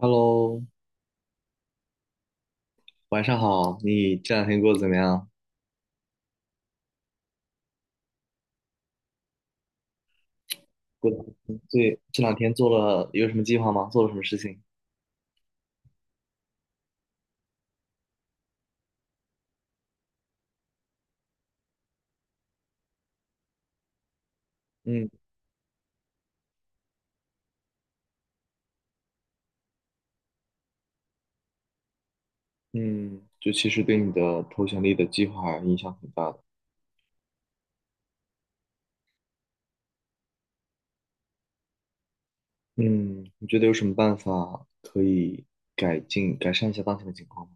Hello，晚上好。你这两天过得怎么样？过对，这两天做了有什么计划吗？做了什么事情？嗯嗯，就其实对你的投简历的计划影响很大的。嗯，你觉得有什么办法可以改进、改善一下当前的情况吗？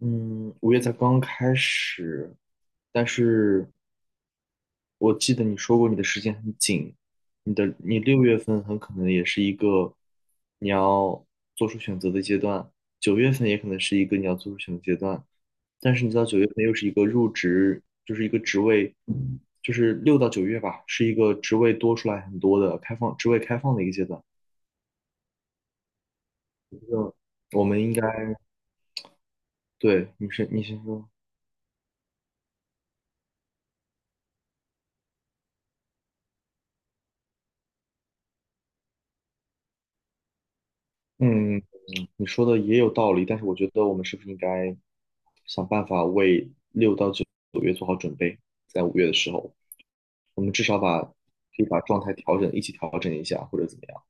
嗯，五月才刚刚开始，但是。我记得你说过你的时间很紧，你六月份很可能也是一个你要做出选择的阶段，九月份也可能是一个你要做出选择阶段，但是你知道九月份又是一个入职，就是一个职位，就是六到九月吧，是一个职位多出来很多的开放职位开放的一个阶段。我们应该，对，你先说，嗯，你说的也有道理，但是我觉得我们是不是应该想办法为六到九月做好准备？在五月的时候，我们至少可以把状态调整，一起调整一下，或者怎么样？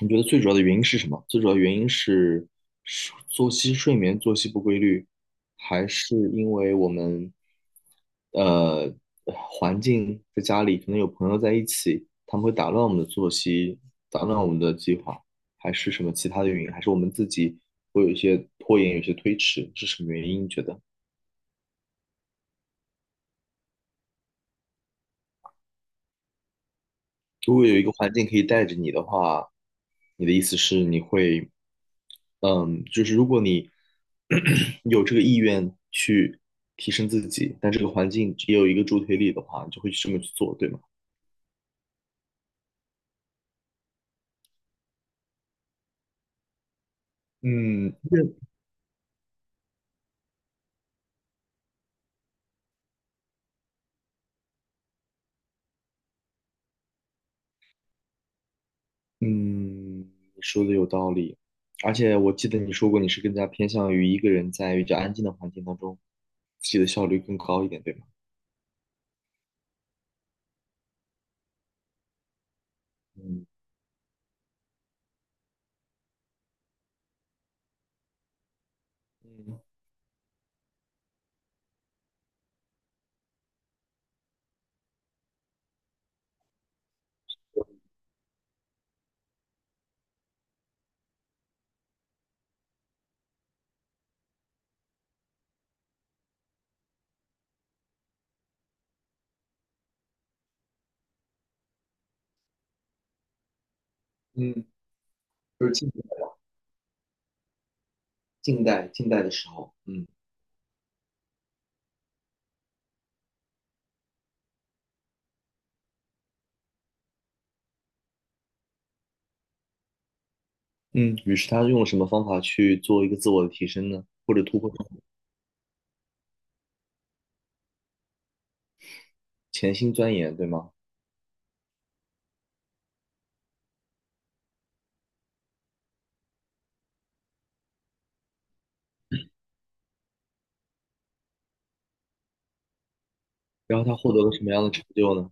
你觉得最主要的原因是什么？最主要的原因是作息、睡眠、作息不规律，还是因为我们呃环境在家里可能有朋友在一起，他们会打乱我们的作息，打乱我们的计划，还是什么其他的原因？还是我们自己会有一些拖延，有一些推迟，是什么原因？你觉得？如果有一个环境可以带着你的话，你的意思是你会，就是如果你 有这个意愿去提升自己，但这个环境也有一个助推力的话，你就会去这么去做，对吗？嗯，那嗯，你说的有道理，而且我记得你说过你是更加偏向于一个人在比较安静的环境当中，自己的效率更高一点，对吗？嗯嗯，就是近代的时候，嗯。嗯，于是他用了什么方法去做一个自我的提升呢？或者突破自我潜心钻研，对吗？然后他获得了什么样的成就呢？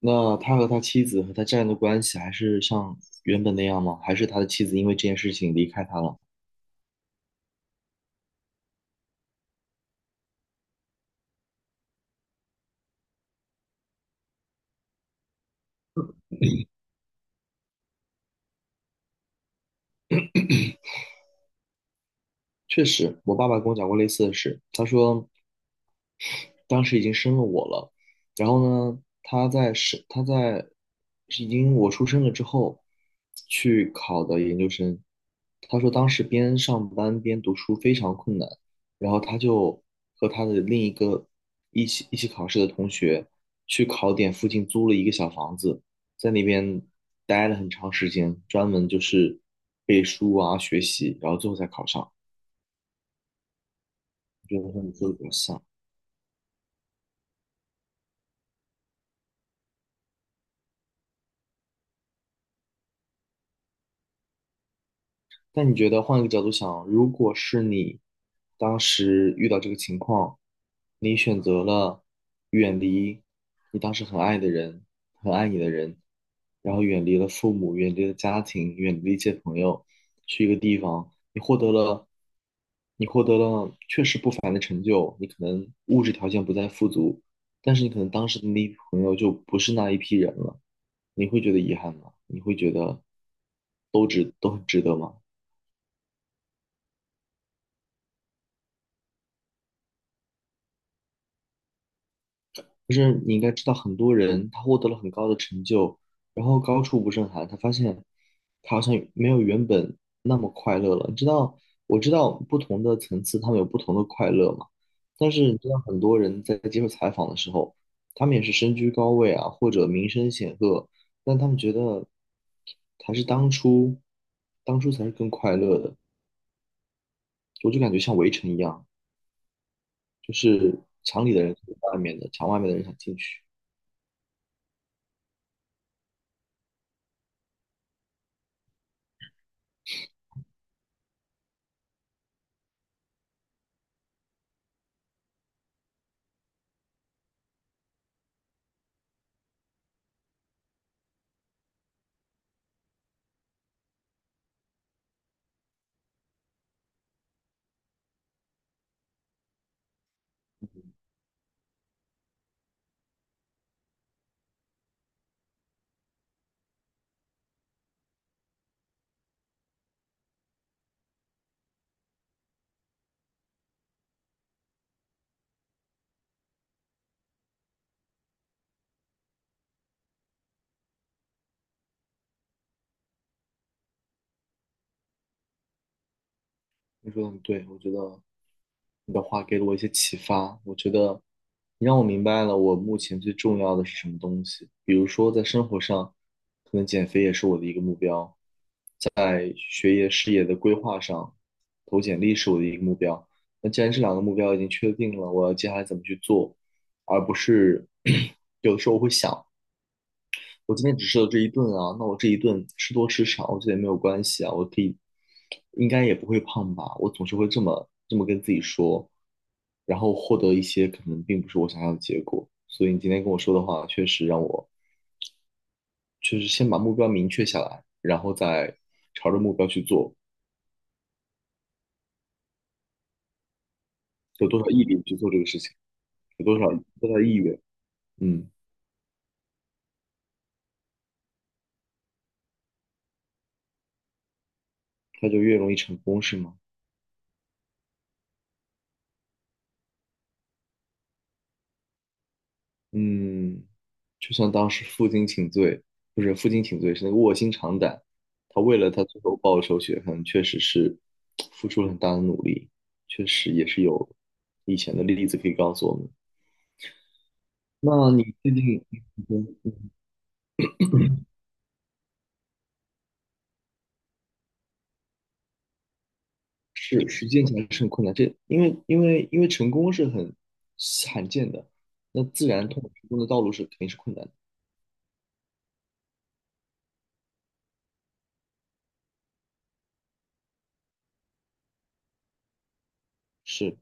那他和他妻子和他家人的关系还是像原本那样吗？还是他的妻子因为这件事情离开他了？确实，我爸爸跟我讲过类似的事，他说。当时已经生了我了，然后呢，他在已经我出生了之后去考的研究生，他说当时边上班边读书非常困难，然后他就和他的另一个一起考试的同学去考点附近租了一个小房子，在那边待了很长时间，专门就是背书啊学习，然后最后才考上。我觉得和你说的比较像。但你觉得换一个角度想，如果是你当时遇到这个情况，你选择了远离你当时很爱的人，很爱你的人，然后远离了父母，远离了家庭，远离了一些朋友，去一个地方，你获得了确实不凡的成就，你可能物质条件不再富足，但是你可能当时的那一批朋友就不是那一批人了，你会觉得遗憾吗？你会觉得都值，都很值得吗？就是你应该知道，很多人他获得了很高的成就，然后高处不胜寒，他发现他好像没有原本那么快乐了。你知道，我知道不同的层次他们有不同的快乐嘛，但是你知道，很多人在接受采访的时候，他们也是身居高位啊，或者名声显赫，但他们觉得还是当初，当初才是更快乐的。我就感觉像围城一样，就是墙里的人想外面的，墙外面的人想进去。你说的很对，我觉得。你的话给了我一些启发，我觉得你让我明白了我目前最重要的是什么东西。比如说，在生活上，可能减肥也是我的一个目标；在学业、事业的规划上，投简历是我的一个目标。那既然这两个目标已经确定了，我要接下来怎么去做，而不是 有的时候我会想。我今天只吃了这一顿啊，那我这一顿吃多吃少，我觉得也没有关系啊，我可以，应该也不会胖吧？我总是会这么跟自己说，然后获得一些可能并不是我想要的结果。所以你今天跟我说的话，确实让我就是先把目标明确下来，然后再朝着目标去做，有多少毅力去做这个事情，有多少多大意愿，嗯，它就越容易成功，是吗？嗯，就像当时负荆请罪，不是负荆请罪，是那个卧薪尝胆。他为了他最后报仇雪恨，确实是付出了很大的努力，确实也是有以前的例子可以告诉我们。那你最近嗯是实践起来是很困难，这因为成功是很罕见的，那自然通往成功的道路肯定是困难的。是，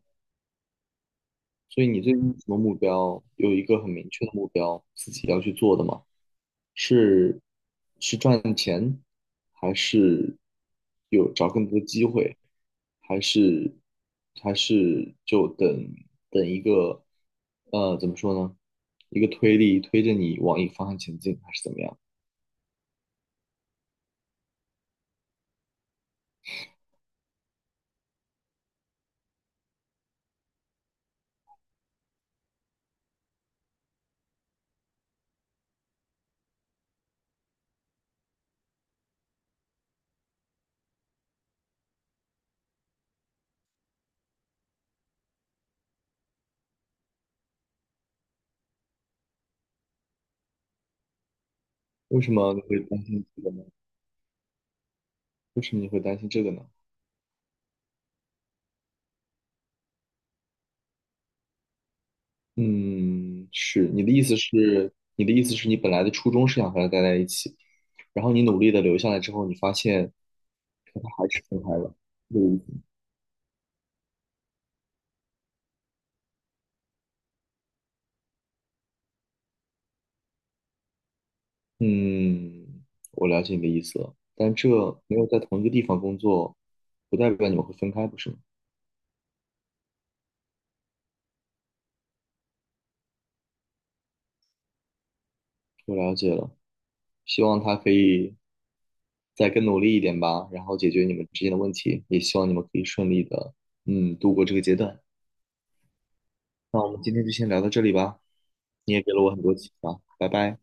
所以你最近有什么目标？有一个很明确的目标，自己要去做的吗？是是赚钱，还是有找更多的机会，还是还是就等一个怎么说呢？一个推力推着你往一个方向前进，还是怎么样？为什么你会担心这个呢？为什么你会担心这个呢？嗯，你的意思是你本来的初衷是想和他待在一起，然后你努力的留下来之后，你发现跟他还是分开了，这嗯，嗯我了解你的意思了，但这没有在同一个地方工作，不代表你们会分开，不是吗？我了解了，希望他可以再更努力一点吧，然后解决你们之间的问题，也希望你们可以顺利的，度过这个阶段。那我们今天就先聊到这里吧，你也给了我很多启发，拜拜。